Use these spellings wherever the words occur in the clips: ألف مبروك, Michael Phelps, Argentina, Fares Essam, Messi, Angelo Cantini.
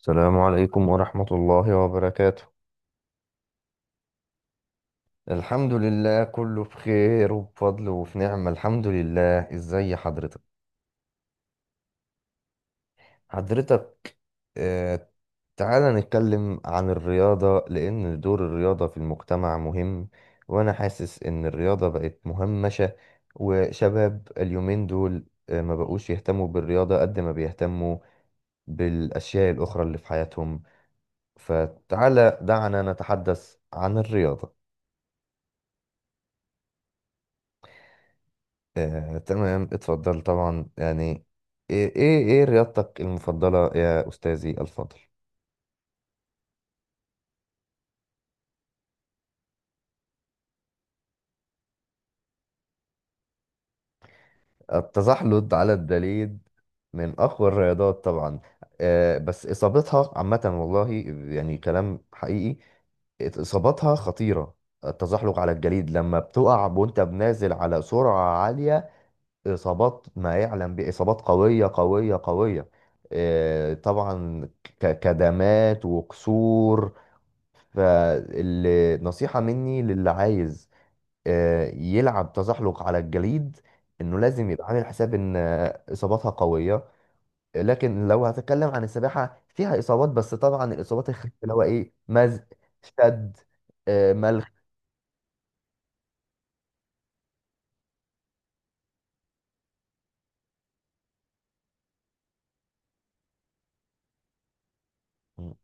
السلام عليكم ورحمة الله وبركاته. الحمد لله، كله بخير وبفضل وفي نعمة، الحمد لله. ازاي حضرتك؟ حضرتك؟ آه. تعالى نتكلم عن الرياضة، لأن دور الرياضة في المجتمع مهم. وأنا حاسس إن الرياضة بقت مهمشة. وشباب اليومين دول ما بقوش يهتموا بالرياضة قد ما بيهتموا بالأشياء الأخرى اللي في حياتهم. فتعالى دعنا نتحدث عن الرياضة. تمام، اتفضل طبعا. يعني ايه ايه إيه رياضتك المفضلة يا أستاذي الفاضل؟ التزحلق على الجليد من أقوى الرياضات طبعا. بس إصابتها عامة والله، يعني كلام حقيقي، إصاباتها خطيرة. التزحلق على الجليد لما بتقع وانت بنازل على سرعة عالية، إصابات ما يعلم، بإصابات قوية قوية قوية. طبعا، كدمات وكسور. فالنصيحة مني للي عايز يلعب تزحلق على الجليد، انه لازم يبقى عامل حساب ان اصاباتها قوية. لكن لو هتكلم عن السباحة، فيها اصابات بس طبعا الاصابات الخفيفة، اللي هو ايه، مزق، شد، ملخ. م-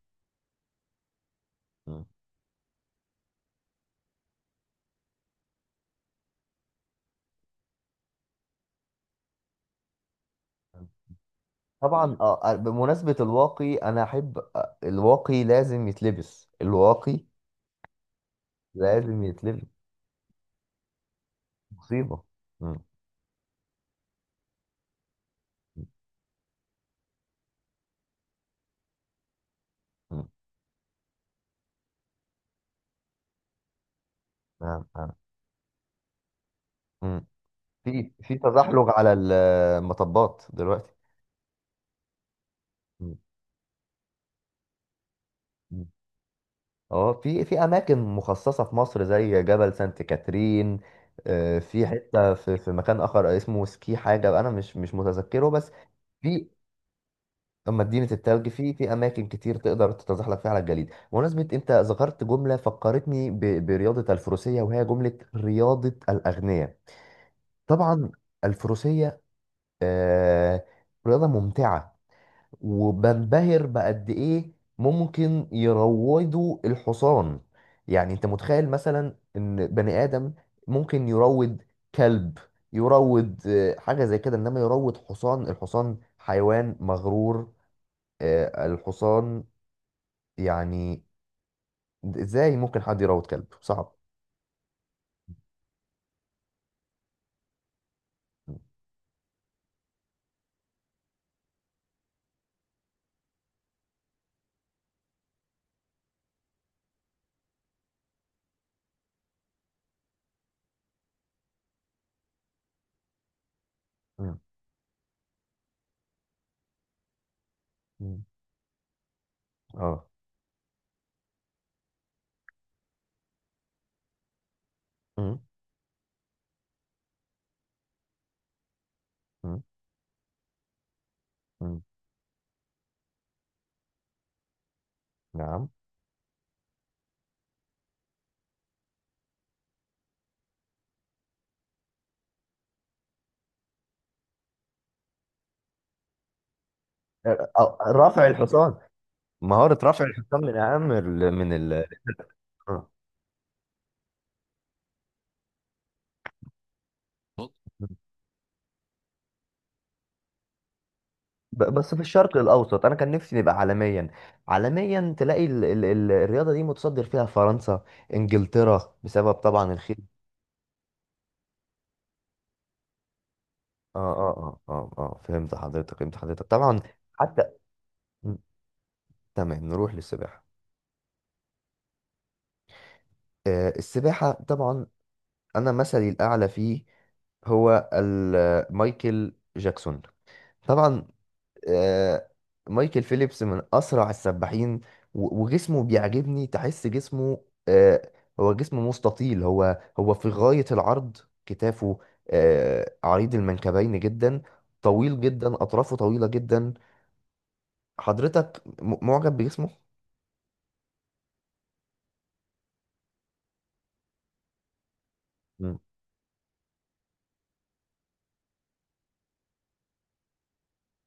م. طبعا. بمناسبة الواقي، انا احب الواقي، لازم يتلبس الواقي، لازم يتلبس. مصيبة. م- م- م. نعم نعم. م. في في تزحلق على المطبات دلوقتي. م- م. اه، في في اماكن مخصصه في مصر زي جبل سانت كاترين. في حته في في مكان اخر اسمه سكي حاجه، انا مش مش متذكره بس. في مدينه التلج، في في اماكن كتير تقدر تتزحلق فيها على الجليد. بمناسبه انت ذكرت جمله فكرتني برياضه الفروسيه، وهي جمله رياضه الاغنياء. طبعا الفروسيه، آه، رياضه ممتعه. وبنبهر بقد ايه ممكن يروضوا الحصان. يعني انت متخيل مثلا ان بني ادم ممكن يروض كلب، يروض حاجه زي كده، انما يروض حصان؟ الحصان حيوان مغرور. الحصان يعني، ازاي ممكن حد يروض كلب صعب. مم. مم. اه. مم. مم. مم. نعم. رفع الحصان، مهارة رفع الحصان من أهم ال- من ال آه. بس في الشرق الاوسط، انا كان نفسي نبقى عالميا. عالميا تلاقي ال ال ال الرياضه دي متصدر فيها فرنسا، انجلترا، بسبب طبعا الخيل. اه فهمت حضرتك، فهمت حضرتك طبعا. حتى، م، تمام نروح للسباحه. آه السباحه طبعا، انا مثلي الاعلى فيه هو مايكل جاكسون طبعا. آه، مايكل فيليبس من اسرع السباحين، وجسمه بيعجبني. تحس جسمه جسمه مستطيل، هو في غاية العرض، كتافه عريض المنكبين جدا، طويل جدا، اطرافه طويلة جدا. حضرتك معجب بجسمه؟ مم،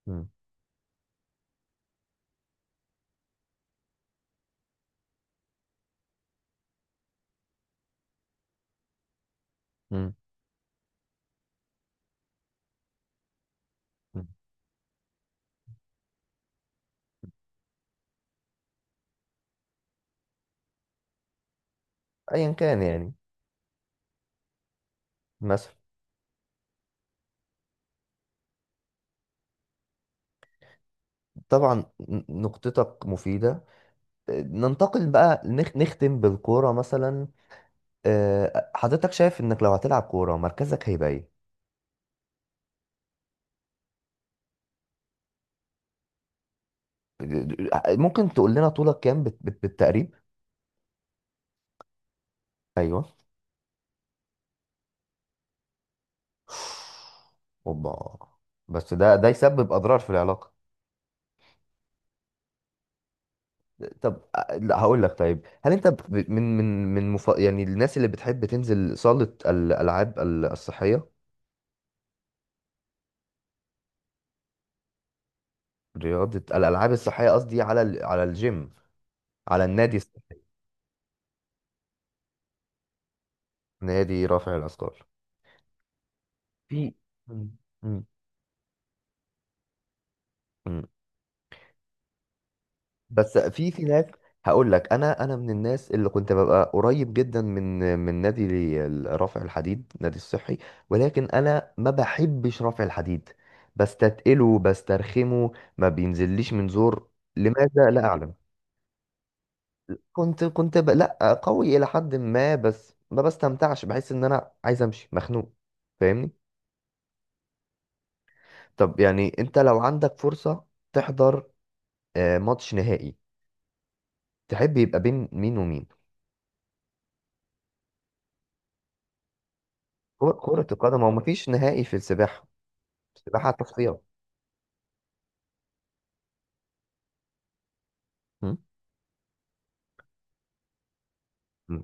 مم، مم، مم. ايا كان يعني. مثلا، طبعا نقطتك مفيدة. ننتقل بقى، نختم بالكورة مثلا. حضرتك شايف انك لو هتلعب كورة مركزك هيبقى ايه؟ ممكن تقول لنا طولك كام بالتقريب؟ ايوه. اوبا! بس ده يسبب اضرار في العلاقة. طب لا، هقول لك. طيب، هل انت من يعني، الناس اللي بتحب تنزل صالة الالعاب الصحية، رياضة الالعاب الصحية، قصدي على على الجيم، على النادي الصحي؟ نادي رافع الاثقال. في. مم. مم. بس في في ناس، هقول لك، انا من الناس اللي كنت ببقى قريب جدا من نادي رفع الحديد، نادي الصحي. ولكن انا ما بحبش رفع الحديد. بستتقله، بسترخمه. ما بينزليش من زور، لماذا لا اعلم. كنت لا، قوي الى حد ما، بس ما بستمتعش، بحس ان انا عايز امشي مخنوق. فاهمني؟ طب، يعني انت لو عندك فرصة تحضر ماتش نهائي، تحب يبقى بين مين ومين؟ كرة القدم. هو مفيش نهائي في السباحة، السباحة تصفية. م؟ م.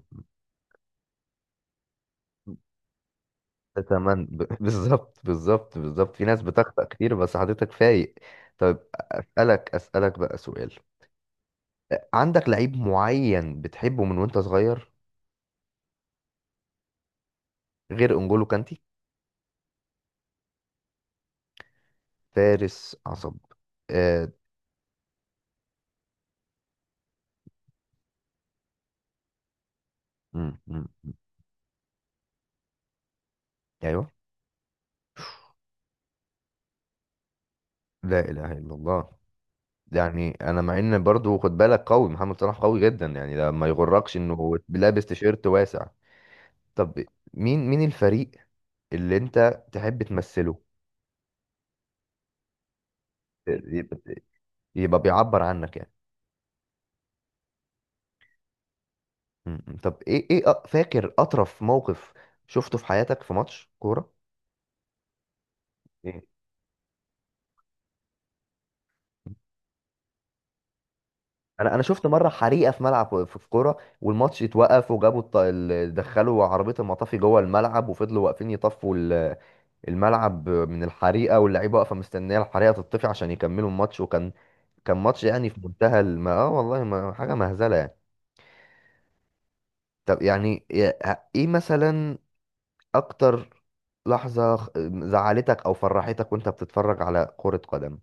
تمام. بالظبط، بالظبط، بالظبط. في ناس بتخطأ كتير بس حضرتك فايق. طيب، أسألك بقى سؤال. عندك لعيب معين بتحبه من وانت صغير غير انجولو كانتي؟ فارس عصب. آه. م. ايوه. لا اله الا الله. يعني انا، مع ان برضو خد بالك، قوي، محمد صلاح قوي جدا يعني، ده ما يغركش انه هو لابس تيشيرت واسع. طب مين الفريق اللي انت تحب تمثله، يبقى يبقى بيعبر عنك يعني؟ م. طب ايه فاكر اطرف موقف شفته في حياتك في ماتش كوره؟ ايه؟ انا شفت مره حريقه في ملعب، في في كوره، والماتش اتوقف، وجابوا دخلوا عربيه المطافي جوه الملعب، وفضلوا واقفين يطفوا الملعب من الحريقه، واللعيبه واقفه مستنيه الحريقه تطفي عشان يكملوا الماتش. كان ماتش يعني في منتهى اه والله، ما حاجه مهزله يعني. طب يعني، ايه مثلا اكتر لحظة زعلتك او فرحتك وانت بتتفرج على كرة قدم؟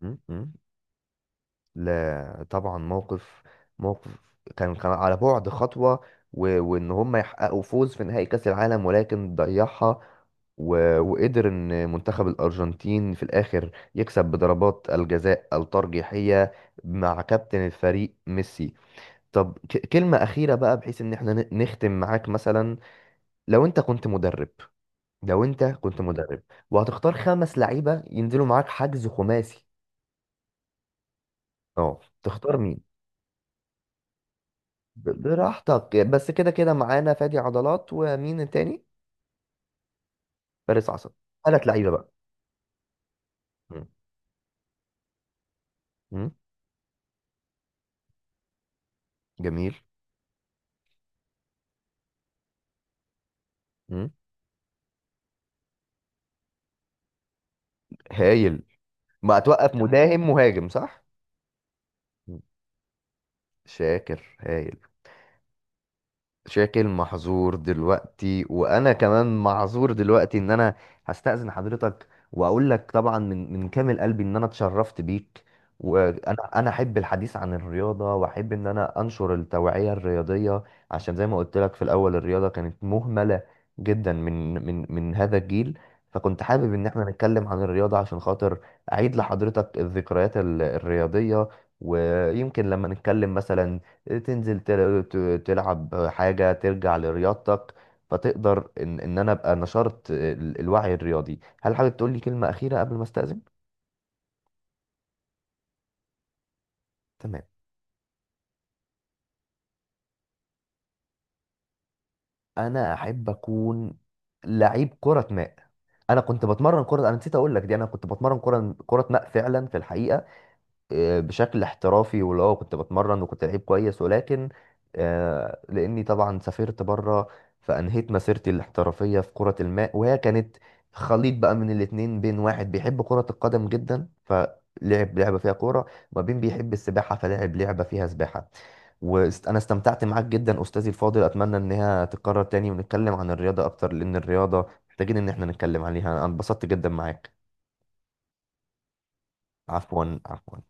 م. لا طبعا، موقف، موقف كان، على بعد خطوة، وان هم يحققوا فوز في نهائي كأس العالم ولكن ضيعها، وقدر ان منتخب الارجنتين في الاخر يكسب بضربات الجزاء الترجيحية مع كابتن الفريق ميسي. طب كلمة أخيرة بقى، بحيث إن احنا نختم معاك مثلا. لو انت كنت مدرب، لو انت كنت مدرب، وهتختار خمس لعيبه ينزلوا معاك حجز خماسي، اه تختار مين؟ براحتك. بس كده كده معانا فادي عضلات، ومين التاني؟ فارس عصام. ثلاث لعيبه بقى. مم. مم. جميل. مم. هايل. ما هتوقف مداهم، مهاجم، صح. مم. شاكر هايل. شاكل محظور دلوقتي، وانا كمان معذور دلوقتي. ان انا هستأذن حضرتك، واقول لك طبعا من من كامل قلبي ان انا اتشرفت بيك. وانا انا احب الحديث عن الرياضه، واحب ان انا انشر التوعيه الرياضيه. عشان زي ما قلت لك في الاول، الرياضه كانت مهمله جدا من هذا الجيل. فكنت حابب ان احنا نتكلم عن الرياضه عشان خاطر اعيد لحضرتك الذكريات الرياضيه. ويمكن لما نتكلم مثلا تنزل تلعب حاجة، ترجع لرياضتك، فتقدر ان انا ابقى نشرت الوعي الرياضي. هل حابب تقول لي كلمة أخيرة قبل ما استأذن؟ تمام، انا احب اكون لعيب كرة ماء. انا كنت بتمرن كرة، انا نسيت اقول لك دي، انا كنت بتمرن كرة ماء فعلا في الحقيقة، بشكل احترافي، واللي هو كنت بتمرن وكنت لعيب كويس. ولكن لاني طبعا سافرت بره، فانهيت مسيرتي الاحترافيه في كره الماء. وهي كانت خليط بقى من الاتنين، بين واحد بيحب كره القدم جدا فلعب لعبه فيها كوره، وما بين بيحب السباحه فلعب لعبه فيها سباحه. وانا استمتعت معاك جدا استاذي الفاضل، اتمنى انها تتكرر تاني ونتكلم عن الرياضه اكتر، لان الرياضه محتاجين ان احنا نتكلم عليها. انا انبسطت جدا معاك. عفوا، عفوا.